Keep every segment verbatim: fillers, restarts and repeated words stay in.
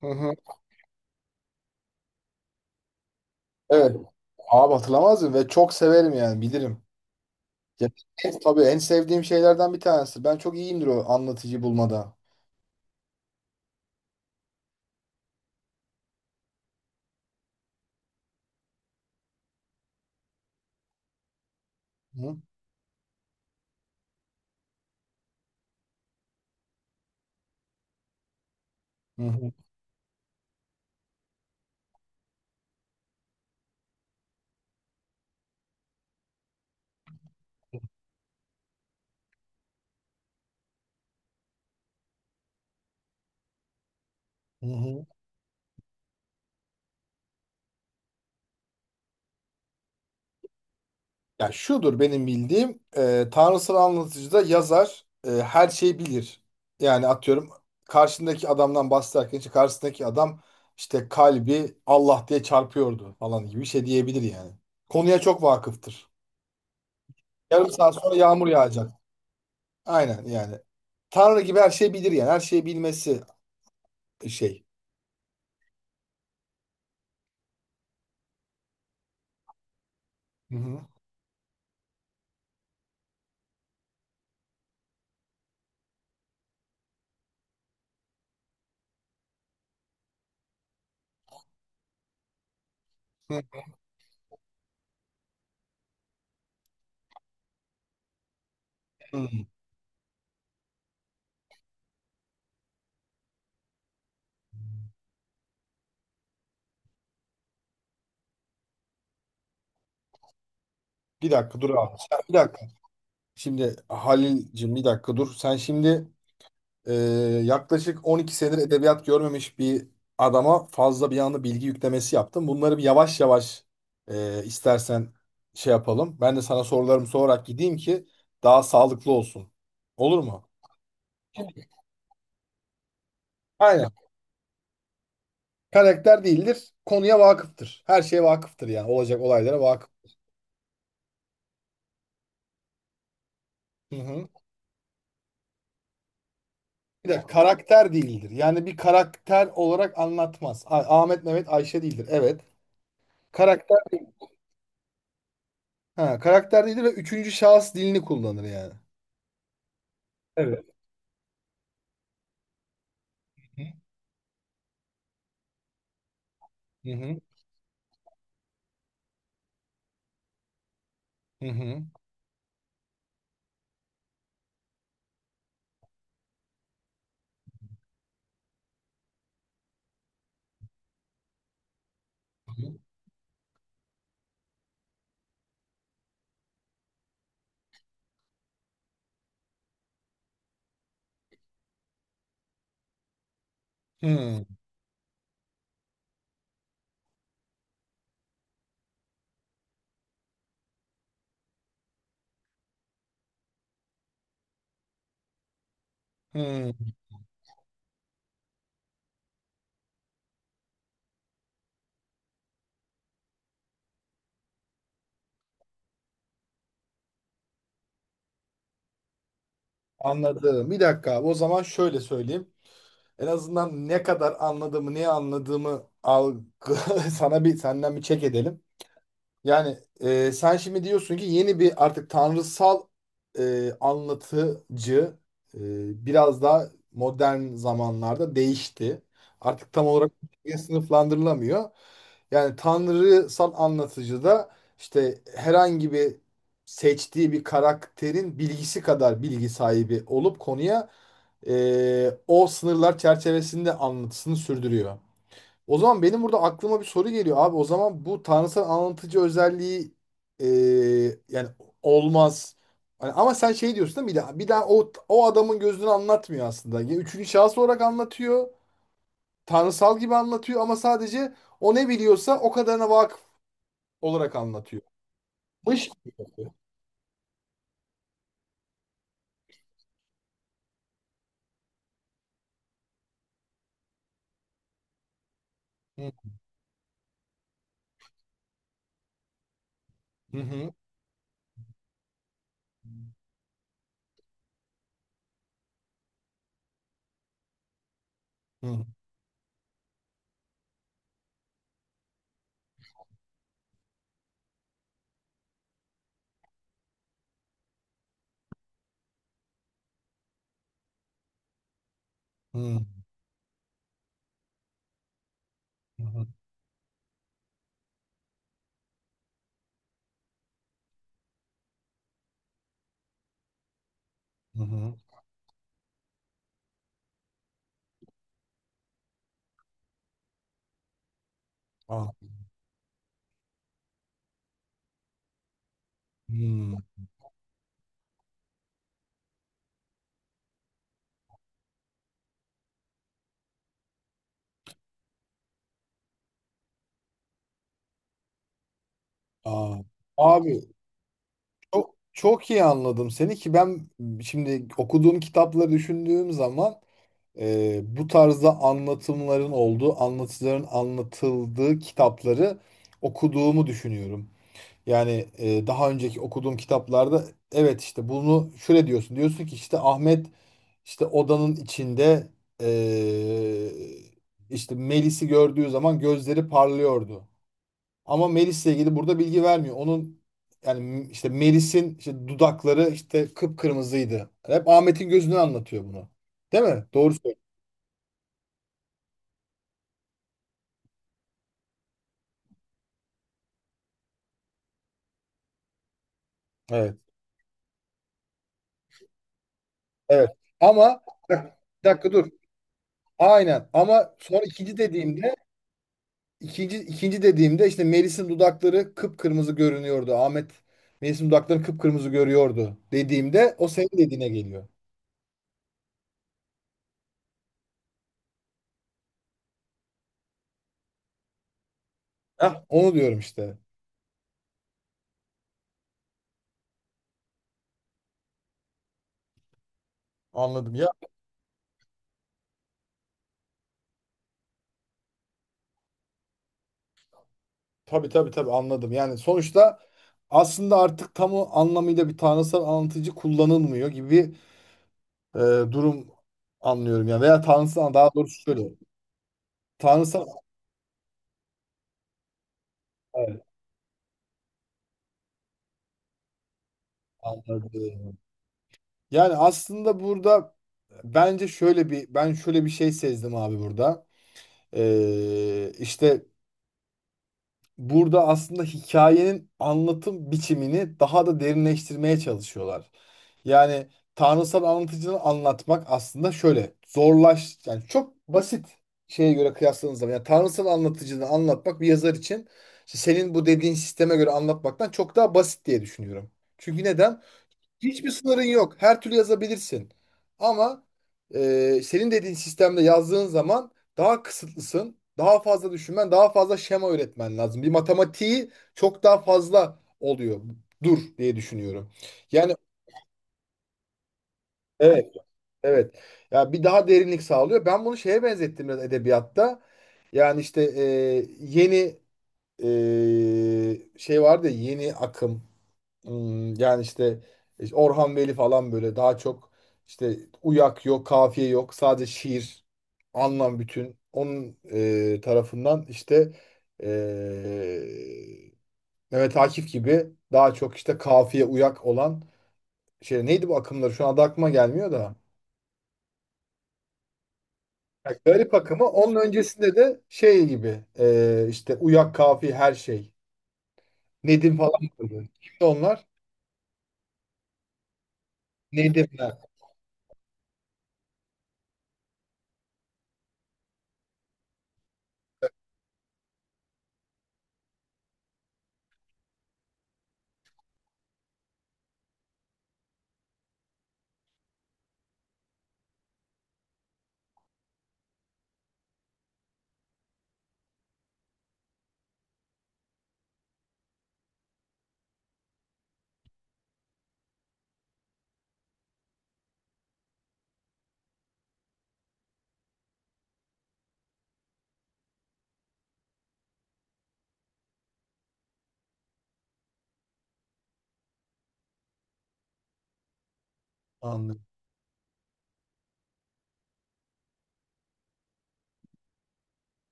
Hı hı. Evet. Abi hatırlamaz mı? Ve çok severim yani bilirim. Ya, en, tabii en sevdiğim şeylerden bir tanesi. Ben çok iyiyimdir o anlatıcı bulmada. Hı hı. Hı hı. Ya şudur benim bildiğim e, tanrısal anlatıcıda yazar e, her şeyi bilir. Yani atıyorum karşındaki adamdan bahsederken işte karşısındaki adam işte kalbi Allah diye çarpıyordu falan gibi bir şey diyebilir yani. Konuya çok vakıftır. Yarım saat sonra yağmur yağacak. Aynen yani. Tanrı gibi her şeyi bilir yani. Her şeyi bilmesi şey. Hı hı. Hı hı. Bir dakika dur abi. Sen- Bir dakika. Şimdi Halil'cim bir dakika dur. Sen şimdi Ee, yaklaşık on iki senedir edebiyat görmemiş bir adama fazla bir anda bilgi yüklemesi yaptım. Bunları bir yavaş yavaş e, istersen şey yapalım. Ben de sana sorularımı sorarak gideyim ki daha sağlıklı olsun. Olur mu? Aynen. Karakter değildir, konuya vakıftır. Her şeye vakıftır yani. Olacak olaylara vakıf. Hı hı. Bir de karakter değildir. Yani bir karakter olarak anlatmaz. Ah- Ahmet, Mehmet, Ayşe değildir. Evet. Karakter değil. Ha, karakter değildir ve üçüncü şahıs dilini kullanır yani. Evet. Hı hı hı hı hı hı. Hı. Anladım. Bir dakika abi. O zaman şöyle söyleyeyim. En azından ne kadar anladığımı, neyi anladığımı algı sana bir senden bir çek edelim. Yani e, sen şimdi diyorsun ki yeni bir artık tanrısal e, anlatıcı e, biraz daha modern zamanlarda değişti. Artık tam olarak bir sınıflandırılamıyor. Yani tanrısal anlatıcı da işte herhangi bir seçtiği bir karakterin bilgisi kadar bilgi sahibi olup konuya e, o sınırlar çerçevesinde anlatısını sürdürüyor. O zaman benim burada aklıma bir soru geliyor abi. O zaman bu tanrısal anlatıcı özelliği e, yani olmaz. Hani ama sen şey diyorsun değil mi? Bir daha, bir daha o, o adamın gözünü anlatmıyor aslında. Ya üçüncü şahıs olarak anlatıyor. Tanrısal gibi anlatıyor ama sadece o ne biliyorsa o kadarına vakıf olarak anlatıyor. Mış. Hı hı hı hı hı hı hı. Aa, hı. Aa. Abi, çok, çok iyi anladım seni ki ben şimdi okuduğum kitapları düşündüğüm zaman e, bu tarzda anlatımların olduğu, anlatıcıların anlatıldığı kitapları okuduğumu düşünüyorum. Yani e, daha önceki okuduğum kitaplarda evet işte bunu şöyle diyorsun. Diyorsun ki işte Ahmet işte odanın içinde e, işte Melis'i gördüğü zaman gözleri parlıyordu. Ama Melis'le ilgili burada bilgi vermiyor. Onun yani işte Melis'in işte dudakları işte kıpkırmızıydı. Hep Ahmet'in gözünü anlatıyor bunu. Değil mi? Doğru söylüyorsun. Evet. Evet. Ama bak, bir dakika dur. Aynen. Ama sonra ikinci dediğimde ikinci ikinci dediğimde işte Melis'in dudakları kıpkırmızı görünüyordu. Ahmet Melis'in dudaklarını kıpkırmızı görüyordu dediğimde o senin dediğine geliyor. Hah, onu diyorum işte. Anladım. Tabii tabii tabii anladım. Yani sonuçta aslında artık tam o anlamıyla bir tanrısal anlatıcı kullanılmıyor gibi bir e, durum anlıyorum. Ya veya tanrısal daha doğrusu şöyle. Tanrısal evet, anladım. Yani aslında burada bence şöyle bir ben şöyle bir şey sezdim abi burada. E, işte burada aslında hikayenin anlatım biçimini daha da derinleştirmeye çalışıyorlar. Yani tanrısal anlatıcını anlatmak aslında şöyle zorlaş yani çok basit şeye göre kıyasladığınız zaman yani tanrısal anlatıcını anlatmak bir yazar için işte senin bu dediğin sisteme göre anlatmaktan çok daha basit diye düşünüyorum. Çünkü neden? Hiçbir sınırın yok. Her türlü yazabilirsin. Ama e, senin dediğin sistemde yazdığın zaman daha kısıtlısın. Daha fazla düşünmen, daha fazla şema üretmen lazım. Bir matematiği çok daha fazla oluyor. Dur diye düşünüyorum. Yani evet, evet. Ya bir daha derinlik sağlıyor. Ben bunu şeye benzettim biraz edebiyatta. Yani işte e, yeni e, şey vardı ya, yeni akım. Hmm, yani işte e, işte Orhan Veli falan böyle daha çok işte uyak yok, kafiye yok. Sadece şiir, anlam bütün. Onun e, tarafından işte e, Mehmet Akif gibi daha çok işte kafiye uyak olan şey neydi bu akımları? Şu anda aklıma gelmiyor da. Ya, Garip akımı onun öncesinde de şey gibi e, işte uyak kafiye her şey. Nedim falan. Vardı. Kimdi onlar? Nedimler. Anladım,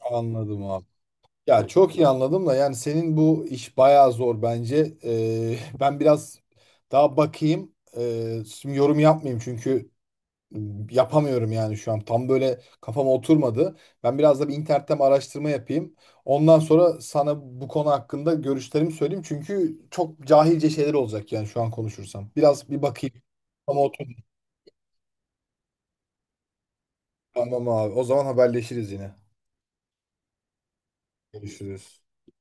anladım abi. Ya çok iyi anladım da yani senin bu iş bayağı zor bence. Ee, ben biraz daha bakayım. Ee, şimdi yorum yapmayayım çünkü yapamıyorum yani şu an. Tam böyle kafama oturmadı. Ben biraz da bir internetten araştırma yapayım. Ondan sonra sana bu konu hakkında görüşlerimi söyleyeyim. Çünkü çok cahilce şeyler olacak yani şu an konuşursam. Biraz bir bakayım. Ama otur. Tamam abi. O zaman haberleşiriz yine. Görüşürüz.